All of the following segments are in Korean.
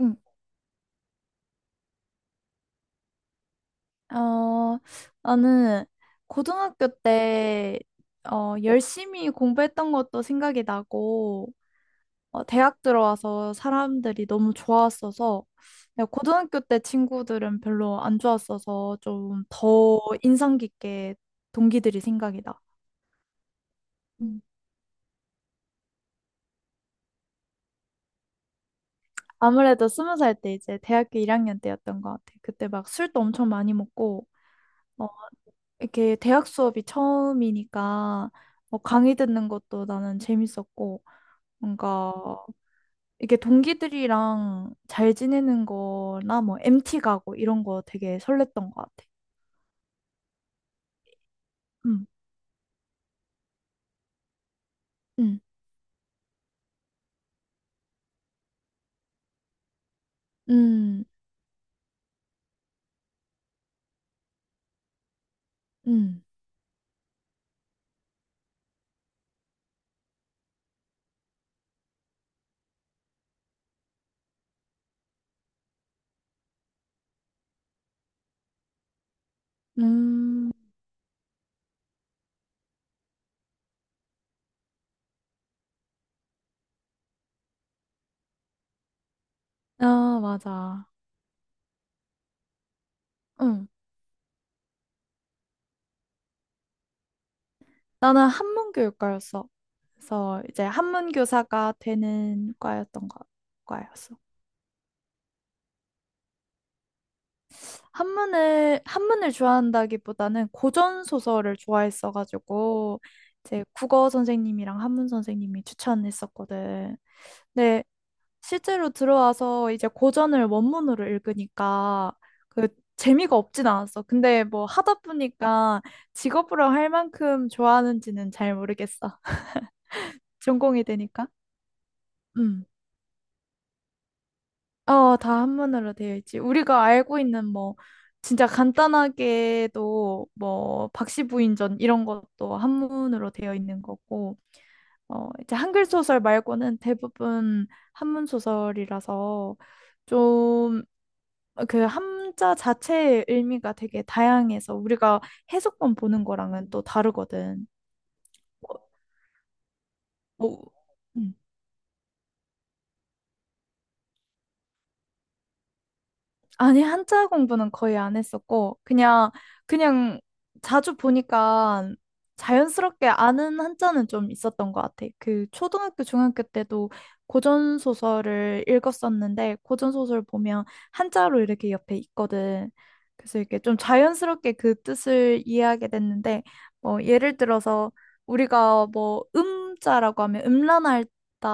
응. 어, 나는 고등학교 때, 열심히 공부했던 것도 생각이 나고, 대학 들어와서 사람들이 너무 좋았어서, 내가 고등학교 때 친구들은 별로 안 좋았어서 좀 더 인상 깊게 동기들이 생각이 나. 음. 아무래도 스무 살 때 이제 대학교 1학년 때였던 것 같아. 그때 막 술도 엄청 많이 먹고, 어, 이렇게 대학 수업이 처음이니까 뭐 강의 듣는 것도 나는 재밌었고 뭔가 이게 동기들이랑 잘 지내는 거나 뭐 MT 가고 이런 거 되게 설렜던 것 같아. 응, 응, 응, 응, 음, 아, 맞아. 응. 나는 한문교육과였어. 그래서 이제 한문교사가 되는 과였어. 한문을 좋아한다기보다는 고전 소설을 좋아했어가지고 이제 국어 선생님이랑 한문 선생님이 추천했었거든. 근데 실제로 들어와서 이제 고전을 원문으로 읽으니까 그 재미가 없진 않았어. 근데 뭐 하다 보니까 직업으로 할 만큼 좋아하는지는 잘 모르겠어. 전공이 되니까. 음. 다 한문으로 되어 있지. 우리가 알고 있는 뭐 진짜 간단하게도 뭐 박씨부인전 이런 것도 한문으로 되어 있는 거고 이제 한글 소설 말고는 대부분 한문 소설이라서 좀 그 한자 자체의 의미가 되게 다양해서 우리가 해석본 보는 거랑은 또 다르거든. 어, 어, 음. 아니, 한자 공부는 거의 안 했었고, 그냥 자주 보니까 자연스럽게 아는 한자는 좀 있었던 것 같아. 그 초등학교, 중학교 때도 고전소설을 읽었었는데, 고전소설 보면 한자로 이렇게 옆에 있거든. 그래서 이렇게 좀 자연스럽게 그 뜻을 이해하게 됐는데, 뭐, 예를 들어서 우리가 뭐, 음자라고 하면 음란하다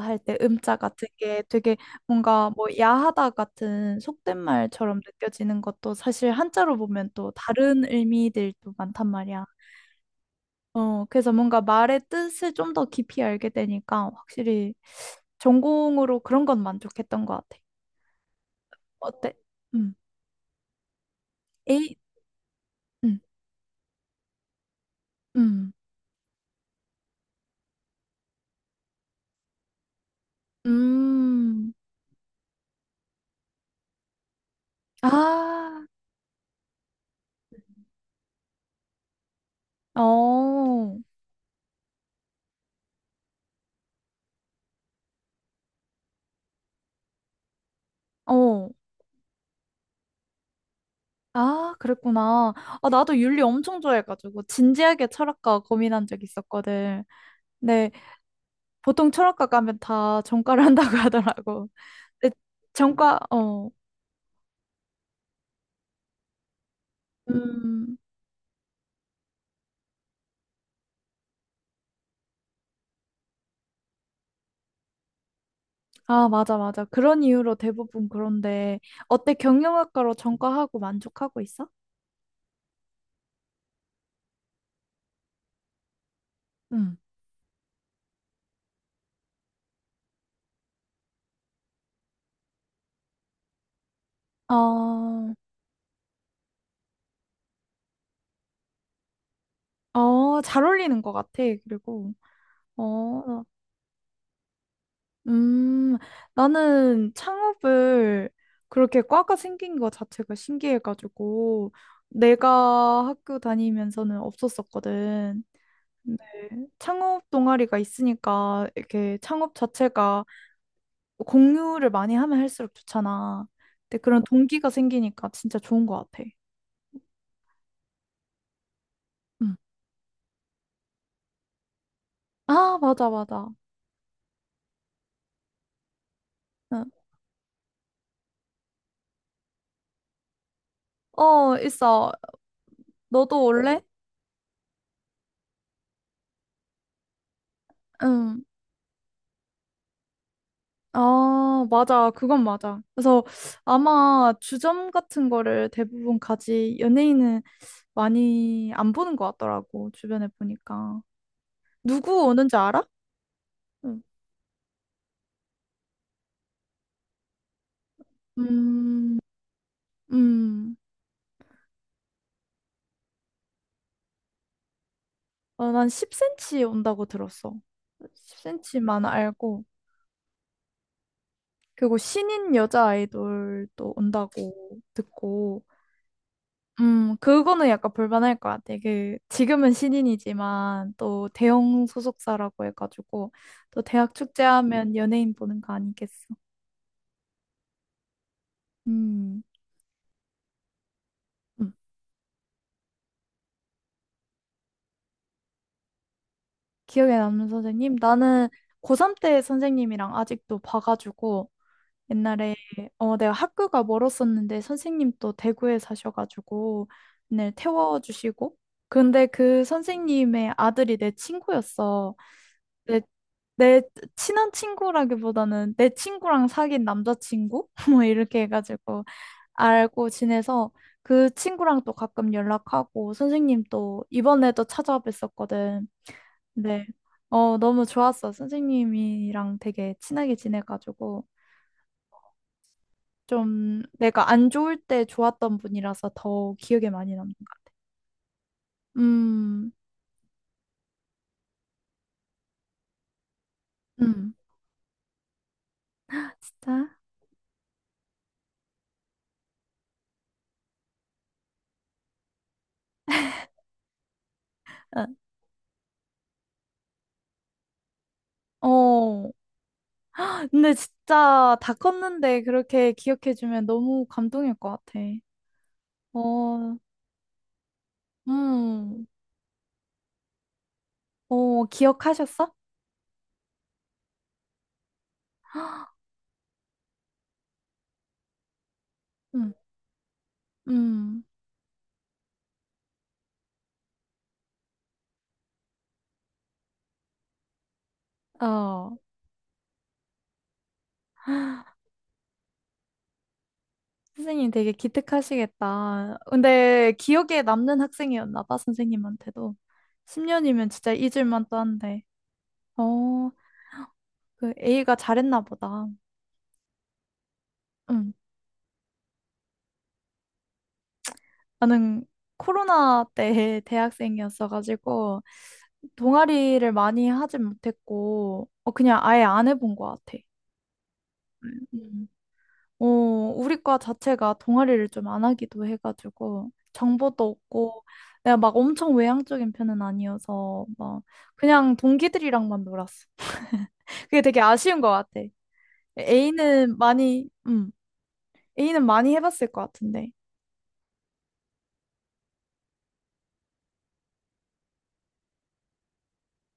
할 때 음자 같은 게 되게 뭔가 뭐 야하다 같은 속된 말처럼 느껴지는 것도 사실 한자로 보면 또 다른 의미들도 많단 말이야. 그래서 뭔가 말의 뜻을 좀 더 깊이 알게 되니까 확실히 전공으로 그런 건 만족했던 것 같아. 어때? 음. 에이, 음, 음, 음. 아, 어, 어. 아, 그랬구나. 아, 나도 윤리 엄청 좋아해가지고 진지하게 철학과 고민한 적 있었거든. 네. 보통 철학과 가면 다 전과를 한다고 하더라고. 근데 전과, 음, 아, 맞아, 맞아. 그런 이유로 대부분 그런데, 어때, 경영학과로 전과하고 만족하고 있어? 응. 어, 잘 어울리는 것 같아, 그리고. 어, 음, 나는 창업을 그렇게 과가 생긴 것 자체가 신기해가지고, 내가 학교 다니면서는 없었었거든. 네. 창업 동아리가 있으니까 이렇게 창업 자체가 공유를 많이 하면 할수록 좋잖아. 근데 그런 동기가 생기니까 진짜 좋은 것 같아. 응. 아, 맞아, 맞아. 응. 어, 있어. 너도 올래? 응. 아, 맞아. 그건 맞아. 그래서 아마 주점 같은 거를 대부분 가지 연예인은 많이 안 보는 것 같더라고. 주변에 보니까. 누구 오는지 알아? 응. 음, 음. 난 10cm 온다고 들었어. 10cm만 알고. 그리고 신인 여자 아이돌도 온다고 듣고. 그거는 약간 볼만할 것 같아. 그, 지금은 신인이지만 또 대형 소속사라고 해가지고 또 대학 축제하면 연예인 보는 거 아니겠어. 음, 음. 기억에 남는 선생님? 나는 고3 때 선생님이랑 아직도 봐가지고 옛날에 내가 학교가 멀었었는데 선생님도 대구에 사셔가지고 맨날 태워주시고 근데 그 선생님의 아들이 내 친구였어. 내, 내 친한 친구라기보다는 내 친구랑 사귄 남자친구? 뭐 이렇게 해가지고 알고 지내서 그 친구랑 또 가끔 연락하고 선생님 또 이번에도 찾아뵀었거든. 네. 너무 좋았어. 선생님이랑 되게 친하게 지내가지고. 좀 내가 안 좋을 때 좋았던 분이라서 더 기억에 많이 남는 것 같아. 음, 음, 진짜? 어, 어. 근데 진짜 다 컸는데 그렇게 기억해주면 너무 감동일 것 같아. 어, 음, 기억하셨어? 음, 음, 어. 선생님 되게 기특하시겠다. 근데 기억에 남는 학생이었나 봐, 선생님한테도. 10년이면 진짜 잊을 만도 한데. 어, 그 A가 잘했나 보다. 응. 나는 코로나 때 대학생이었어가지고 동아리를 많이 하진 못했고 그냥 아예 안 해본 것 같아. 음. 어, 우리 과 자체가 동아리를 좀 안 하기도 해가지고 정보도 없고 내가 막 엄청 외향적인 편은 아니어서 막 그냥 동기들이랑만 놀았어. 그게 되게 아쉬운 것 같아. A는 많이, 음, A는 많이 해봤을 것 같은데.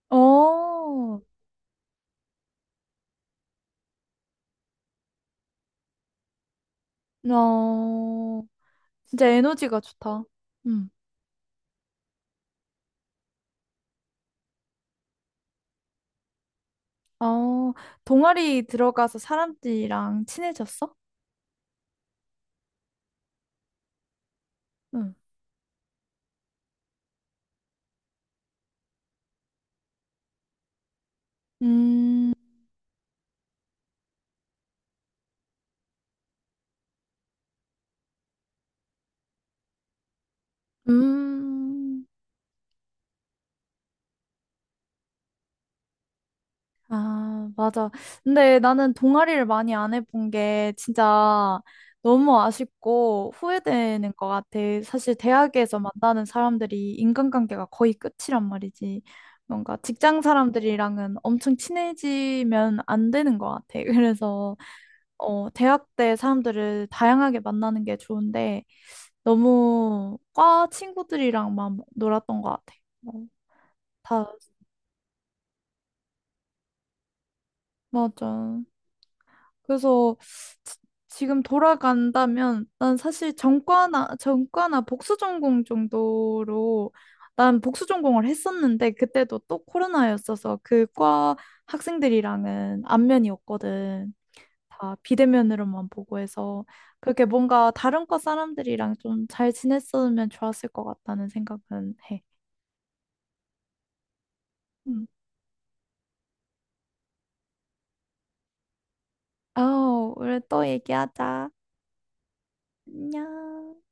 어, 어, 진짜 에너지가 좋다. 음. 어, 동아리 들어가서 사람들이랑 친해졌어? 응. 음, 음, 아, 맞아. 근데 나는 동아리를 많이 안 해본 게 진짜 너무 아쉽고 후회되는 것 같아. 사실 대학에서 만나는 사람들이 인간관계가 거의 끝이란 말이지. 뭔가 직장 사람들이랑은 엄청 친해지면 안 되는 것 같아. 그래서 대학 때 사람들을 다양하게 만나는 게 좋은데, 너무 과 친구들이랑만 놀았던 것 같아. 뭐, 다, 맞아. 그래서 지- 지금 돌아간다면 난 사실 전과나 복수 전공 정도로 난 복수 전공을 했었는데 그때도 또 코로나였어서 그과 학생들이랑은 안면이었거든. 다 비대면으로만 보고 해서 그게 뭔가 다른 과 사람들이랑 좀 잘 지냈으면 좋았을 것 같다는 생각은 해. 음. 우리 또 얘기하자. 안녕.